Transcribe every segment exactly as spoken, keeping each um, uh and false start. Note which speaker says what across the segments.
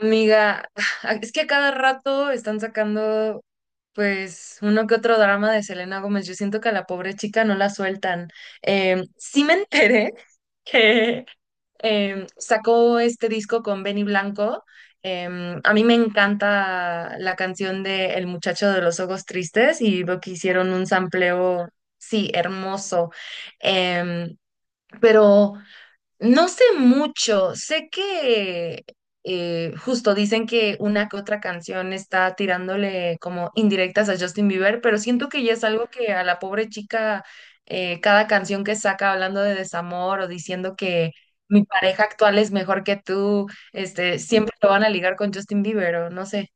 Speaker 1: Amiga, es que a cada rato están sacando pues uno que otro drama de Selena Gómez. Yo siento que a la pobre chica no la sueltan. Eh, sí me enteré que eh, sacó este disco con Benny Blanco. Eh, a mí me encanta la canción de El muchacho de los ojos tristes y veo que hicieron un sampleo, sí, hermoso. Eh, pero... No sé mucho, sé que eh, justo dicen que una que otra canción está tirándole como indirectas a Justin Bieber, pero siento que ya es algo que a la pobre chica, eh, cada canción que saca hablando de desamor o diciendo que mi pareja actual es mejor que tú, este, siempre lo van a ligar con Justin Bieber o no sé.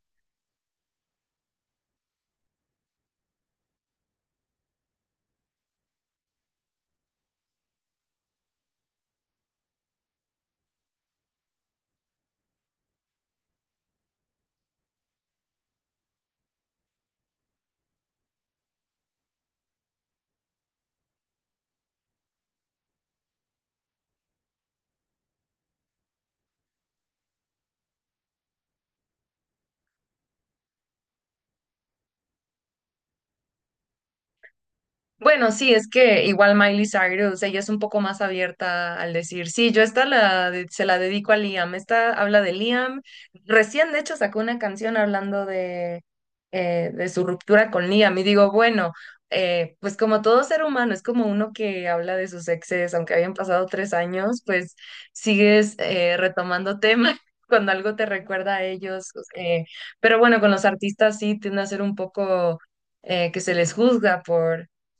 Speaker 1: Bueno, sí, es que igual Miley Cyrus, ella es un poco más abierta al decir, sí, yo esta la, de- se la dedico a Liam, esta habla de Liam. Recién, de hecho, sacó una canción hablando de, eh, de su ruptura con Liam y digo, bueno, eh, pues como todo ser humano, es como uno que habla de sus exes, aunque hayan pasado tres años, pues sigues eh, retomando temas cuando algo te recuerda a ellos. Eh, pero bueno, con los artistas sí tiende a ser un poco... eh, que se les juzga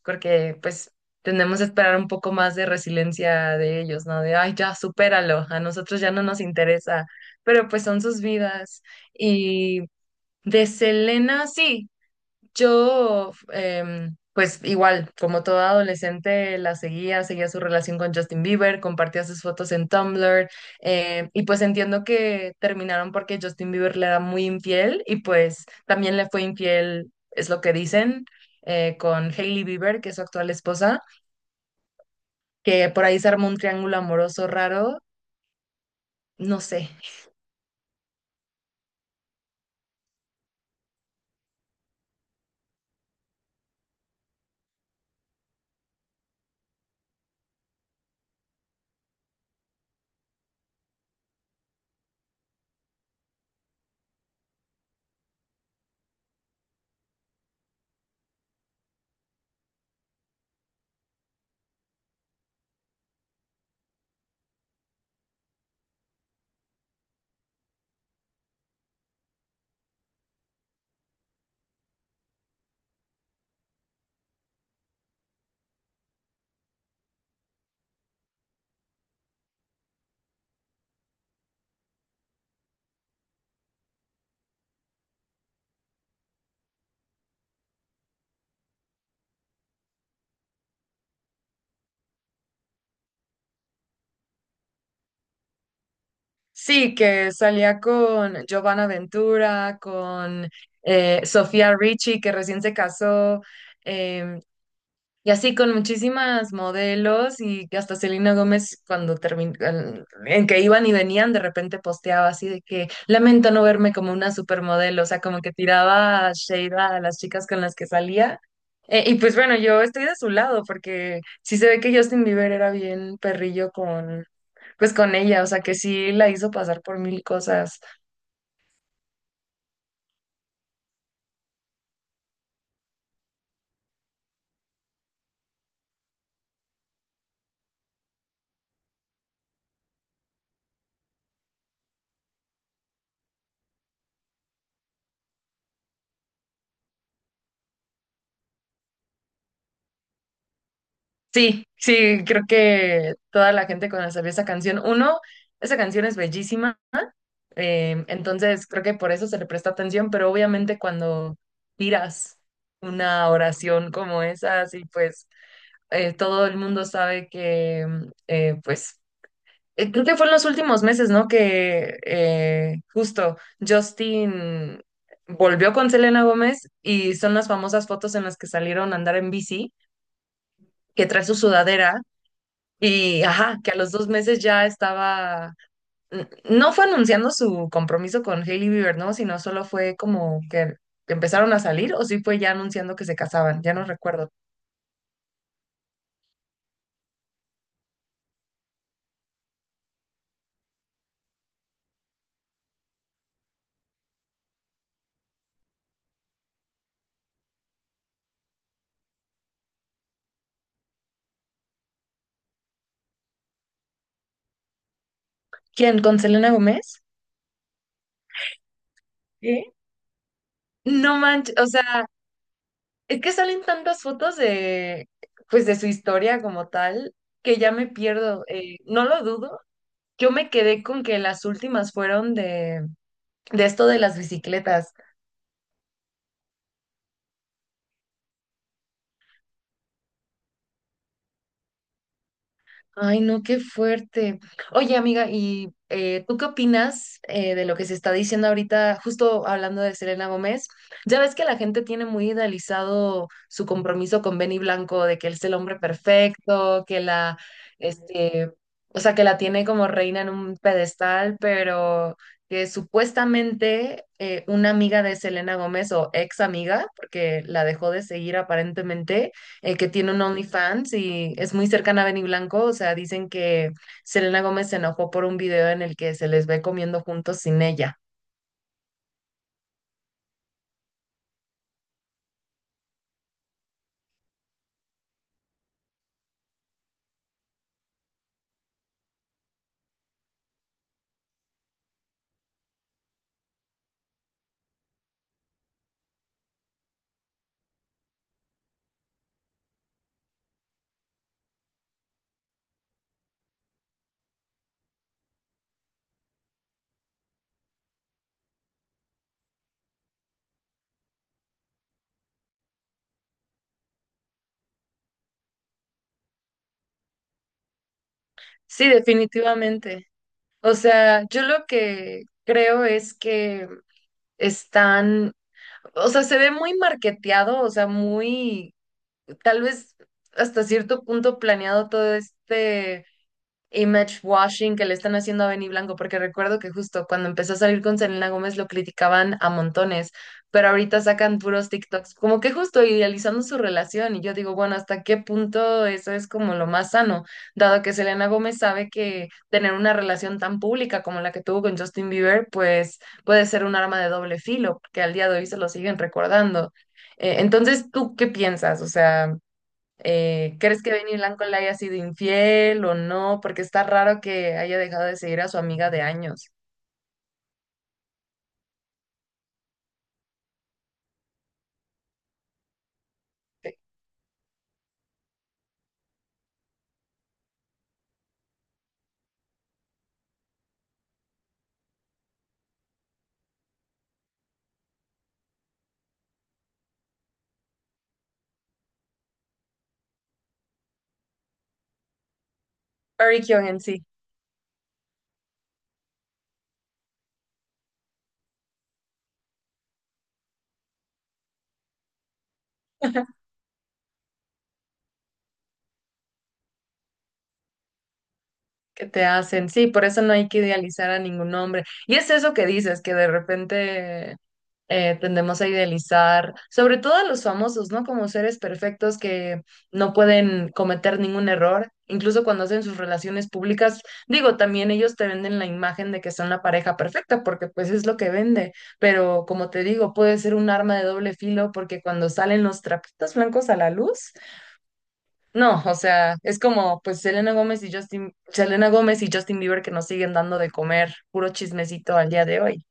Speaker 1: porque pues tenemos que esperar un poco más de resiliencia de ellos, ¿no? De, ay, ya, supéralo, a nosotros ya no nos interesa, pero pues son sus vidas. Y de Selena, sí. Yo, em, pues igual, como toda adolescente, la seguía, seguía su relación con Justin Bieber, compartía sus fotos en Tumblr, eh, y pues entiendo que terminaron porque Justin Bieber le era muy infiel y pues también le fue infiel, es lo que dicen, eh, con Hailey Bieber, que es su actual esposa, que por ahí se armó un triángulo amoroso raro, no sé. Sí, que salía con Giovanna Ventura, con eh, Sofía Richie, que recién se casó. eh, y así con muchísimas modelos y que hasta Selena Gómez cuando terminó, en que iban y venían, de repente posteaba así de que lamento no verme como una supermodelo, o sea, como que tiraba shade a las chicas con las que salía. Eh, y pues bueno, yo estoy de su lado porque sí se ve que Justin Bieber era bien perrillo con, pues con ella, o sea, que sí la hizo pasar por mil cosas. Sí, sí, creo que toda la gente cuando salió esa canción, uno, esa canción es bellísima. Eh, entonces, creo que por eso se le presta atención, pero obviamente cuando tiras una oración como esa, así pues eh, todo el mundo sabe que, mm, eh, pues, eh, creo que fue en los últimos meses, ¿no? Que eh, justo Justin volvió con Selena Gómez y son las famosas fotos en las que salieron a andar en bici, que trae su sudadera y, ajá, que a los dos meses ya estaba n- no fue anunciando su compromiso con Hailey Bieber, ¿no? Sino solo fue como que empezaron a salir, o sí fue ya anunciando que se casaban, ya no recuerdo. ¿Quién? ¿Con Selena Gómez? ¿Qué? No manches, o sea, es que salen tantas fotos de, pues, de su historia como tal, que ya me pierdo. Eh, no lo dudo. Yo me quedé con que las últimas fueron de, de esto de las bicicletas. Ay, no, qué fuerte. Oye, amiga, ¿y eh, tú qué opinas eh, de lo que se está diciendo ahorita, justo hablando de Selena Gómez? Ya ves que la gente tiene muy idealizado su compromiso con Benny Blanco, de que él es el hombre perfecto, que la, este, o sea, que la tiene como reina en un pedestal, pero que supuestamente eh, una amiga de Selena Gómez o ex amiga, porque la dejó de seguir aparentemente eh, que tiene un OnlyFans y es muy cercana a Benny Blanco. O sea, dicen que Selena Gómez se enojó por un video en el que se les ve comiendo juntos sin ella. Sí, definitivamente. O sea, yo lo que creo es que están, o sea, se ve muy marketeado, o sea, muy, tal vez hasta cierto punto planeado todo este image washing que le están haciendo a Benny Blanco, porque recuerdo que justo cuando empezó a salir con Selena Gómez lo criticaban a montones, pero ahorita sacan puros TikToks, como que justo idealizando su relación, y yo digo, bueno, ¿hasta qué punto eso es como lo más sano? Dado que Selena Gómez sabe que tener una relación tan pública como la que tuvo con Justin Bieber, pues puede ser un arma de doble filo, que al día de hoy se lo siguen recordando. Eh, entonces, ¿tú qué piensas? O sea... Eh, ¿crees que Benny Blanco le haya sido infiel o no? Porque está raro que haya dejado de seguir a su amiga de años. Pe- Perry Kyung en sí, ¿que te hacen? Sí, por eso no hay que idealizar a ningún hombre. Y es eso que dices, que de repente eh, tendemos a idealizar, sobre todo a los famosos, ¿no? Como seres perfectos que no pueden cometer ningún error, incluso cuando hacen sus relaciones públicas. Digo, también ellos te venden la imagen de que son la pareja perfecta, porque pues es lo que vende, pero como te digo, puede ser un arma de doble filo porque cuando salen los trapitos blancos a la luz, no, o sea, es como pues Selena Gómez y Justin, Selena Gómez y Justin Bieber que nos siguen dando de comer, puro chismecito al día de hoy.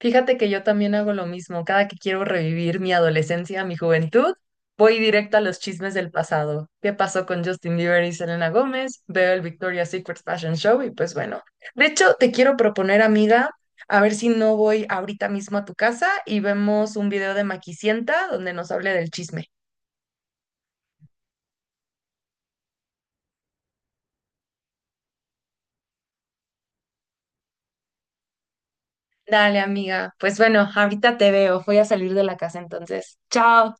Speaker 1: Fíjate que yo también hago lo mismo. Cada que quiero revivir mi adolescencia, mi juventud, voy directo a los chismes del pasado. ¿Qué pasó con Justin Bieber y Selena Gómez? Veo el Victoria's Secret Fashion Show y pues bueno. De hecho, te quiero proponer, amiga, a ver si no voy ahorita mismo a tu casa y vemos un video de Maquisienta donde nos hable del chisme. Dale, amiga. Pues bueno, ahorita te veo. Voy a salir de la casa entonces. Chao.